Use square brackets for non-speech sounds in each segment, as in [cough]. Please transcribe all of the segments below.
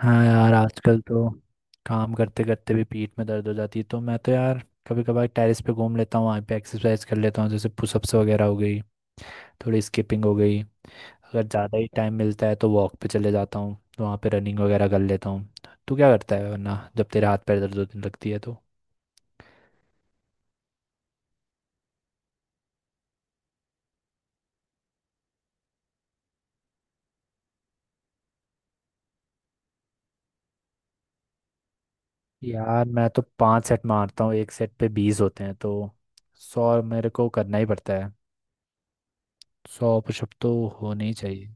हाँ यार, आजकल तो काम करते करते भी पीठ में दर्द हो जाती है। तो मैं तो यार कभी कभार टेरेस पे घूम लेता हूँ, वहाँ पे एक्सरसाइज कर लेता हूँ। जैसे पुशअप्स वगैरह हो गई, थोड़ी स्किपिंग हो गई। अगर ज़्यादा ही टाइम मिलता है तो वॉक पे चले जाता हूँ, तो वहाँ पे रनिंग वगैरह कर लेता हूँ। तू क्या करता है वरना जब तेरे हाथ पैर दर्द होने लगती है तो? यार मैं तो 5 सेट मारता हूँ। एक सेट पे 20 होते हैं, तो 100 मेरे को करना ही पड़ता है। 100 पुशअप तो होने ही चाहिए।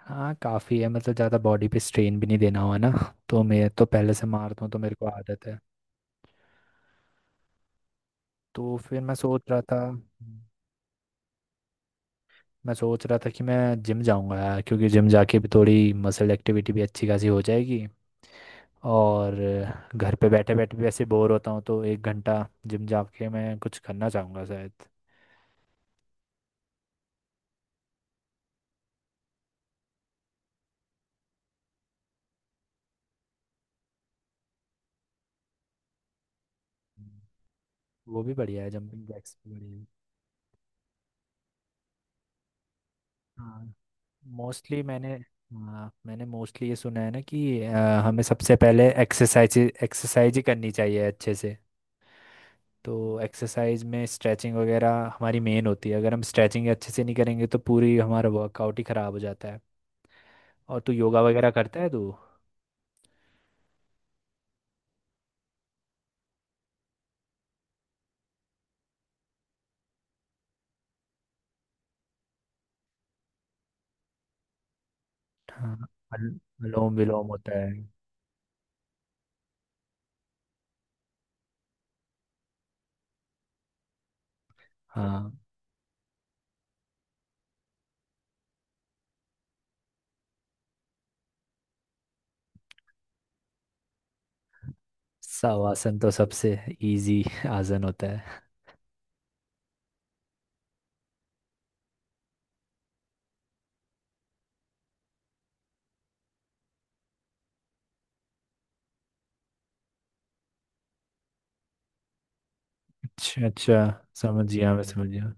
हाँ, काफ़ी है। मतलब ज़्यादा बॉडी पे स्ट्रेन भी नहीं देना हुआ ना। तो मैं तो पहले से मारता हूँ तो मेरे को आदत है। तो फिर मैं सोच रहा था कि मैं जिम जाऊँगा यार, क्योंकि जिम जाके भी थोड़ी मसल एक्टिविटी भी अच्छी खासी हो जाएगी। और घर पे बैठे बैठे भी वैसे बोर होता हूँ, तो एक घंटा जिम जाके मैं कुछ करना चाहूँगा शायद। हम्म। वो भी बढ़िया है। जंपिंग जैक्स भी बढ़िया। हाँ मोस्टली मैंने हाँ, मैंने मोस्टली ये सुना है ना कि हमें सबसे पहले एक्सरसाइज एक्सरसाइज ही करनी चाहिए अच्छे से। तो एक्सरसाइज में स्ट्रेचिंग वगैरह हमारी मेन होती है। अगर हम स्ट्रेचिंग अच्छे से नहीं करेंगे तो पूरी हमारा वर्कआउट ही ख़राब हो जाता है। और तू योगा वगैरह करता है तू? हाँ, अल- अनुलोम विलोम होता है। हाँ, शवासन तो सबसे इजी आसन होता है। [laughs] अच्छा अच्छा, समझ गया, मैं समझ गया।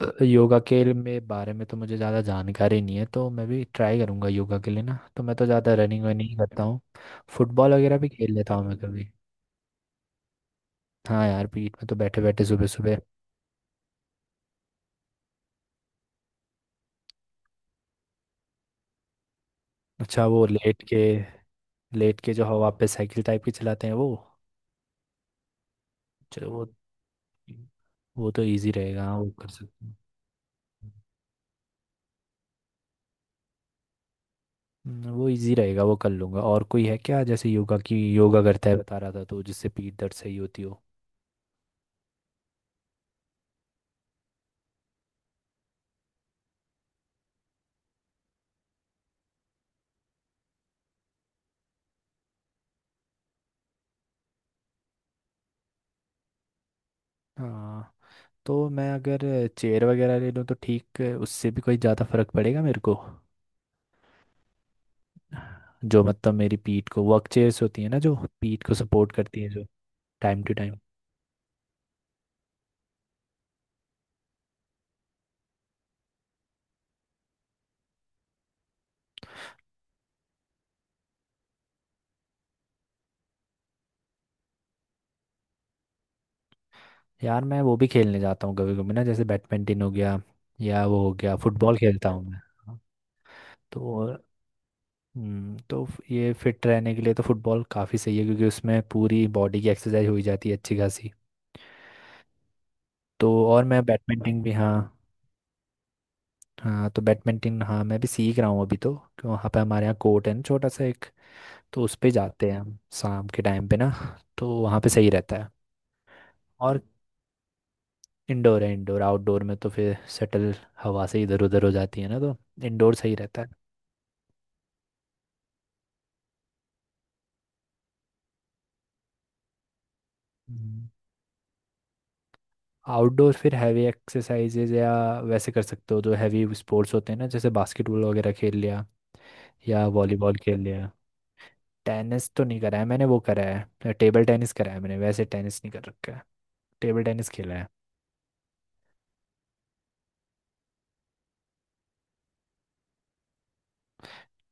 योगा के में बारे में तो मुझे ज़्यादा जानकारी नहीं है, तो मैं भी ट्राई करूँगा। योगा के लिए ना तो मैं तो ज़्यादा रनिंग वनिंग करता हूँ। फुटबॉल वगैरह भी खेल लेता हूँ मैं कभी। हाँ यार, पीठ में तो बैठे बैठे सुबह सुबह। अच्छा, वो लेट के जो हवा पे साइकिल टाइप की चलाते हैं वो? चलो, वो तो इजी रहेगा। हाँ वो कर सकते हैं। वो इजी रहेगा, वो कर लूँगा। और कोई है क्या, जैसे योगा की, योगा करता है बता रहा था, तो जिससे पीठ दर्द सही होती हो? हाँ। तो मैं अगर चेयर वगैरह ले लूँ तो ठीक, उससे भी कोई ज़्यादा फर्क पड़ेगा मेरे को? जो मतलब मेरी पीठ को, वर्क चेयर्स होती है ना जो पीठ को सपोर्ट करती है, जो टाइम टू टाइम। यार मैं वो भी खेलने जाता हूँ कभी कभी ना। जैसे बैडमिंटन हो गया, या वो हो गया, फुटबॉल खेलता हूँ मैं। हाँ, तो। तो ये फिट रहने के लिए तो फुटबॉल काफ़ी सही है, क्योंकि उसमें पूरी बॉडी की एक्सरसाइज हो ही जाती है अच्छी खासी। तो और मैं बैडमिंटन भी, हाँ। हाँ, तो बैडमिंटन, हाँ मैं भी सीख रहा हूँ अभी। तो क्यों, वहाँ पे हमारे यहाँ कोर्ट है ना, छोटा सा एक। तो उस पे जाते हैं हम शाम के टाइम पे ना, तो वहाँ पे सही रहता है। और इंडोर है। इंडोर आउटडोर में तो फिर शटल हवा से इधर उधर हो जाती है ना, तो इंडोर सही रहता है। हम्म। आउटडोर फिर हैवी एक्सरसाइजेज या वैसे कर सकते हो। जो हैवी स्पोर्ट्स होते हैं ना, जैसे बास्केटबॉल वगैरह खेल लिया, या वॉलीबॉल खेल लिया। टेनिस तो नहीं करा है मैंने, वो करा है। टेबल टेनिस करा है मैंने, वैसे टेनिस नहीं कर रखा है। टेबल टेनिस खेला है।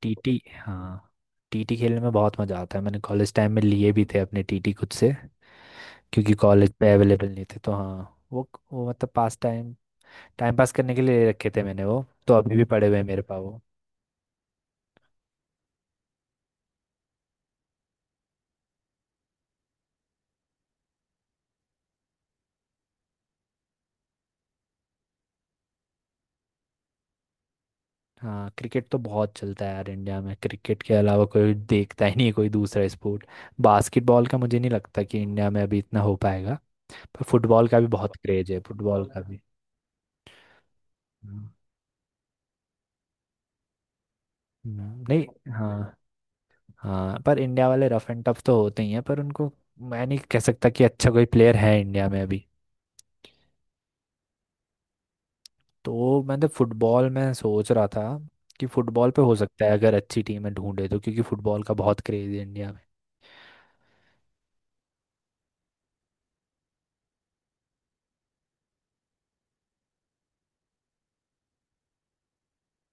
टीटी, हाँ। टीटी खेलने में बहुत मज़ा आता है। मैंने कॉलेज टाइम में लिए भी थे अपने टीटी खुद से, क्योंकि कॉलेज पे अवेलेबल नहीं थे। तो हाँ, वो मतलब पास टाइम, टाइम पास करने के लिए रखे थे मैंने। वो तो अभी भी पड़े हुए हैं मेरे पास वो। हाँ, क्रिकेट तो बहुत चलता है यार इंडिया में। क्रिकेट के अलावा कोई देखता ही नहीं है, कोई दूसरा स्पोर्ट। बास्केटबॉल का मुझे नहीं लगता कि इंडिया में अभी इतना हो पाएगा। पर फुटबॉल का भी बहुत क्रेज है, फुटबॉल का भी। हम्म, नहीं। हाँ हाँ, पर इंडिया वाले रफ एंड टफ तो होते ही हैं, पर उनको मैं नहीं कह सकता कि अच्छा कोई प्लेयर है इंडिया में अभी। तो मैं तो फुटबॉल में सोच रहा था कि फुटबॉल पे हो सकता है अगर अच्छी टीमें ढूंढे, तो क्योंकि फुटबॉल का बहुत क्रेज है इंडिया में।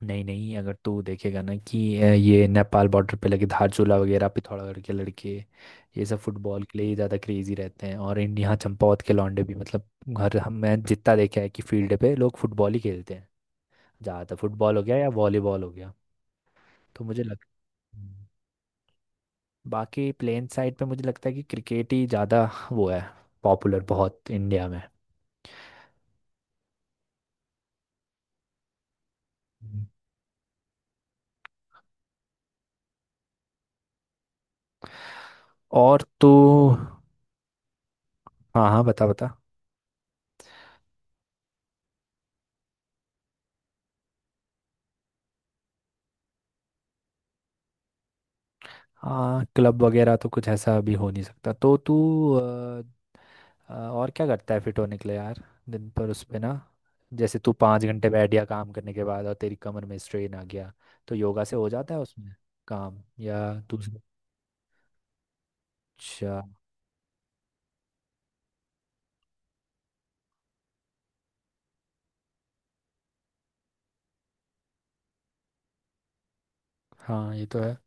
नहीं नहीं, अगर तू देखेगा ना कि ये नेपाल बॉर्डर पे लगे धारचूला वगैरह पिथौरागढ़ के लड़के, ये सब फुटबॉल के लिए ही ज़्यादा क्रेजी रहते हैं। और यहाँ चंपावत के लौंडे भी, मतलब घर हम मैं जितना देखा है कि फील्ड पे लोग फुटबॉल ही खेलते हैं। ज़्यादातर फुटबॉल हो गया, या वॉलीबॉल हो गया। तो मुझे लगता बाकी, प्लेन साइड पे मुझे लगता है कि क्रिकेट ही ज़्यादा वो है, पॉपुलर बहुत इंडिया में। हम्म। और तो। हाँ हाँ, बता बता। हाँ, क्लब वगैरह तो कुछ ऐसा अभी हो नहीं सकता। तो तू, अ, और क्या करता है फिट होने के लिए यार? दिन पर उस पे ना, जैसे तू 5 घंटे बैठ गया काम करने के बाद और तेरी कमर में स्ट्रेन आ गया, तो योगा से हो जाता है उसमें काम, या दूसरा? अच्छा। हाँ ये तो है।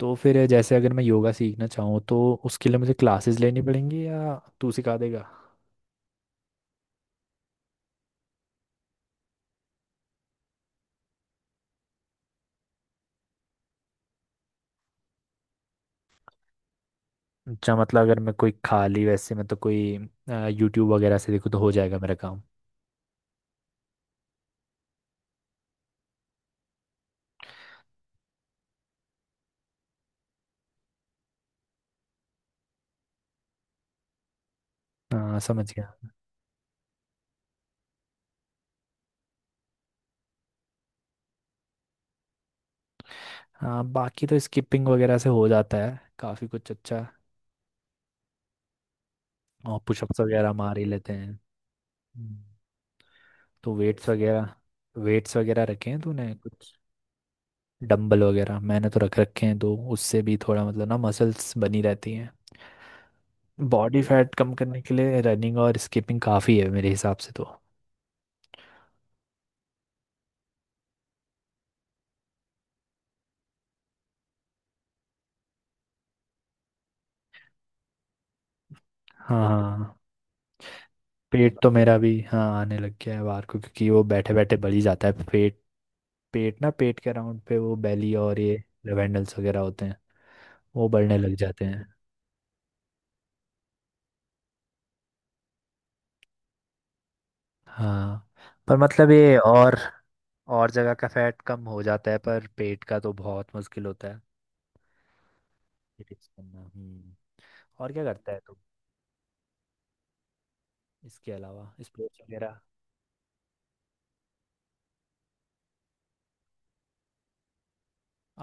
तो फिर जैसे अगर मैं योगा सीखना चाहूँ तो उसके लिए मुझे क्लासेस लेनी पड़ेंगी, या तू सिखा देगा? अच्छा, मतलब अगर मैं कोई खाली वैसे, मैं तो कोई यूट्यूब वगैरह से देखूँ तो हो जाएगा मेरा काम? हाँ, समझ गया। हाँ, बाकी तो स्किपिंग वगैरह से हो जाता है काफ़ी कुछ अच्छा। और पुशअप्स वगैरह मार ही लेते हैं। हम्म, तो वेट्स वगैरह रखे हैं तूने कुछ? डंबल वगैरह मैंने तो रख रखे हैं, तो उससे भी थोड़ा मतलब ना मसल्स बनी रहती हैं। बॉडी फैट कम करने के लिए रनिंग और स्किपिंग काफ़ी है मेरे हिसाब से तो। हाँ हाँ, पेट तो मेरा भी हाँ आने लग गया है बाहर को, क्योंकि वो बैठे बैठे बढ़ ही जाता है पेट। पेट ना, पेट के अराउंड पे वो बेली और ये लेवेंडल्स वगैरह होते हैं, वो बढ़ने लग जाते हैं। हाँ, पर मतलब ये, और जगह का फैट कम हो जाता है पर पेट का तो बहुत मुश्किल होता है Reduce करना। और क्या करता है तू इसके अलावा, स्पोर्ट्स वगैरह?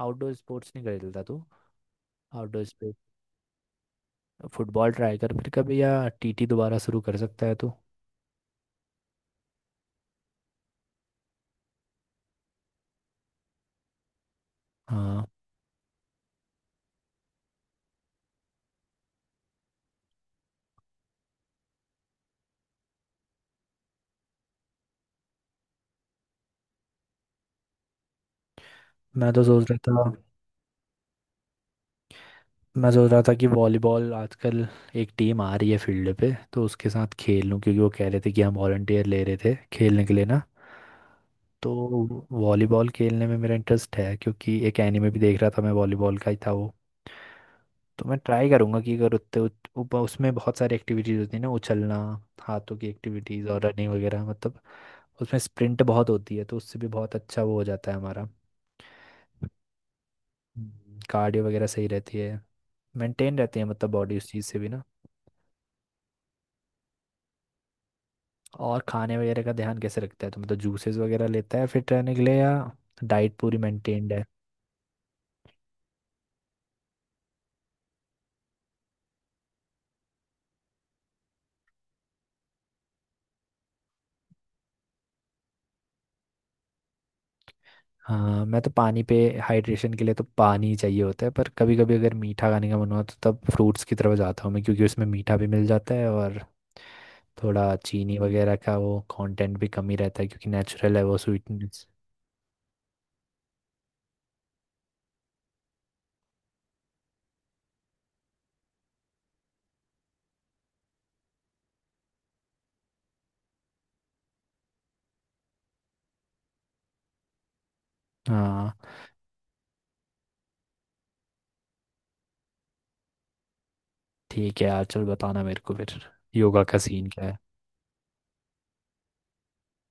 आउटडोर स्पोर्ट्स नहीं खेलता तू? आउटडोर फुटबॉल ट्राई कर फिर कभी, या टीटी दोबारा शुरू कर सकता है तू। हाँ, मैं तो सोच रहा था मैं सोच रहा था कि वॉलीबॉल आजकल एक टीम आ रही है फील्ड पे, तो उसके साथ खेल लूँ, क्योंकि वो कह रहे थे कि हम वॉलंटियर ले रहे थे खेलने के लिए ना। तो वॉलीबॉल खेलने में मेरा इंटरेस्ट है, क्योंकि एक एनिमे भी देख रहा था मैं, वॉलीबॉल का ही था वो। तो मैं ट्राई करूँगा कि अगर उसमें बहुत सारी एक्टिविटीज़ होती है ना, उछलना, हाथों की एक्टिविटीज़ और रनिंग वगैरह। मतलब उसमें स्प्रिंट बहुत होती है, तो उससे भी बहुत अच्छा वो हो जाता है हमारा। कार्डियो वगैरह सही रहती है, मेंटेन रहती है, मतलब बॉडी उस चीज़ से भी ना। और खाने वगैरह का ध्यान कैसे रखता है तो? मतलब जूसेस वगैरह लेता है फिट रहने के लिए, या डाइट पूरी मेंटेन्ड है? हाँ, मैं तो पानी पे, हाइड्रेशन के लिए तो पानी ही चाहिए होता है। पर कभी कभी अगर मीठा खाने का मन हो तो तब फ्रूट्स की तरफ जाता हूँ मैं, क्योंकि उसमें मीठा भी मिल जाता है और थोड़ा चीनी वगैरह का वो कंटेंट भी कम ही रहता है क्योंकि नेचुरल है वो स्वीटनेस। हाँ, ठीक है यार, चल बताना मेरे को फिर योगा का सीन क्या है।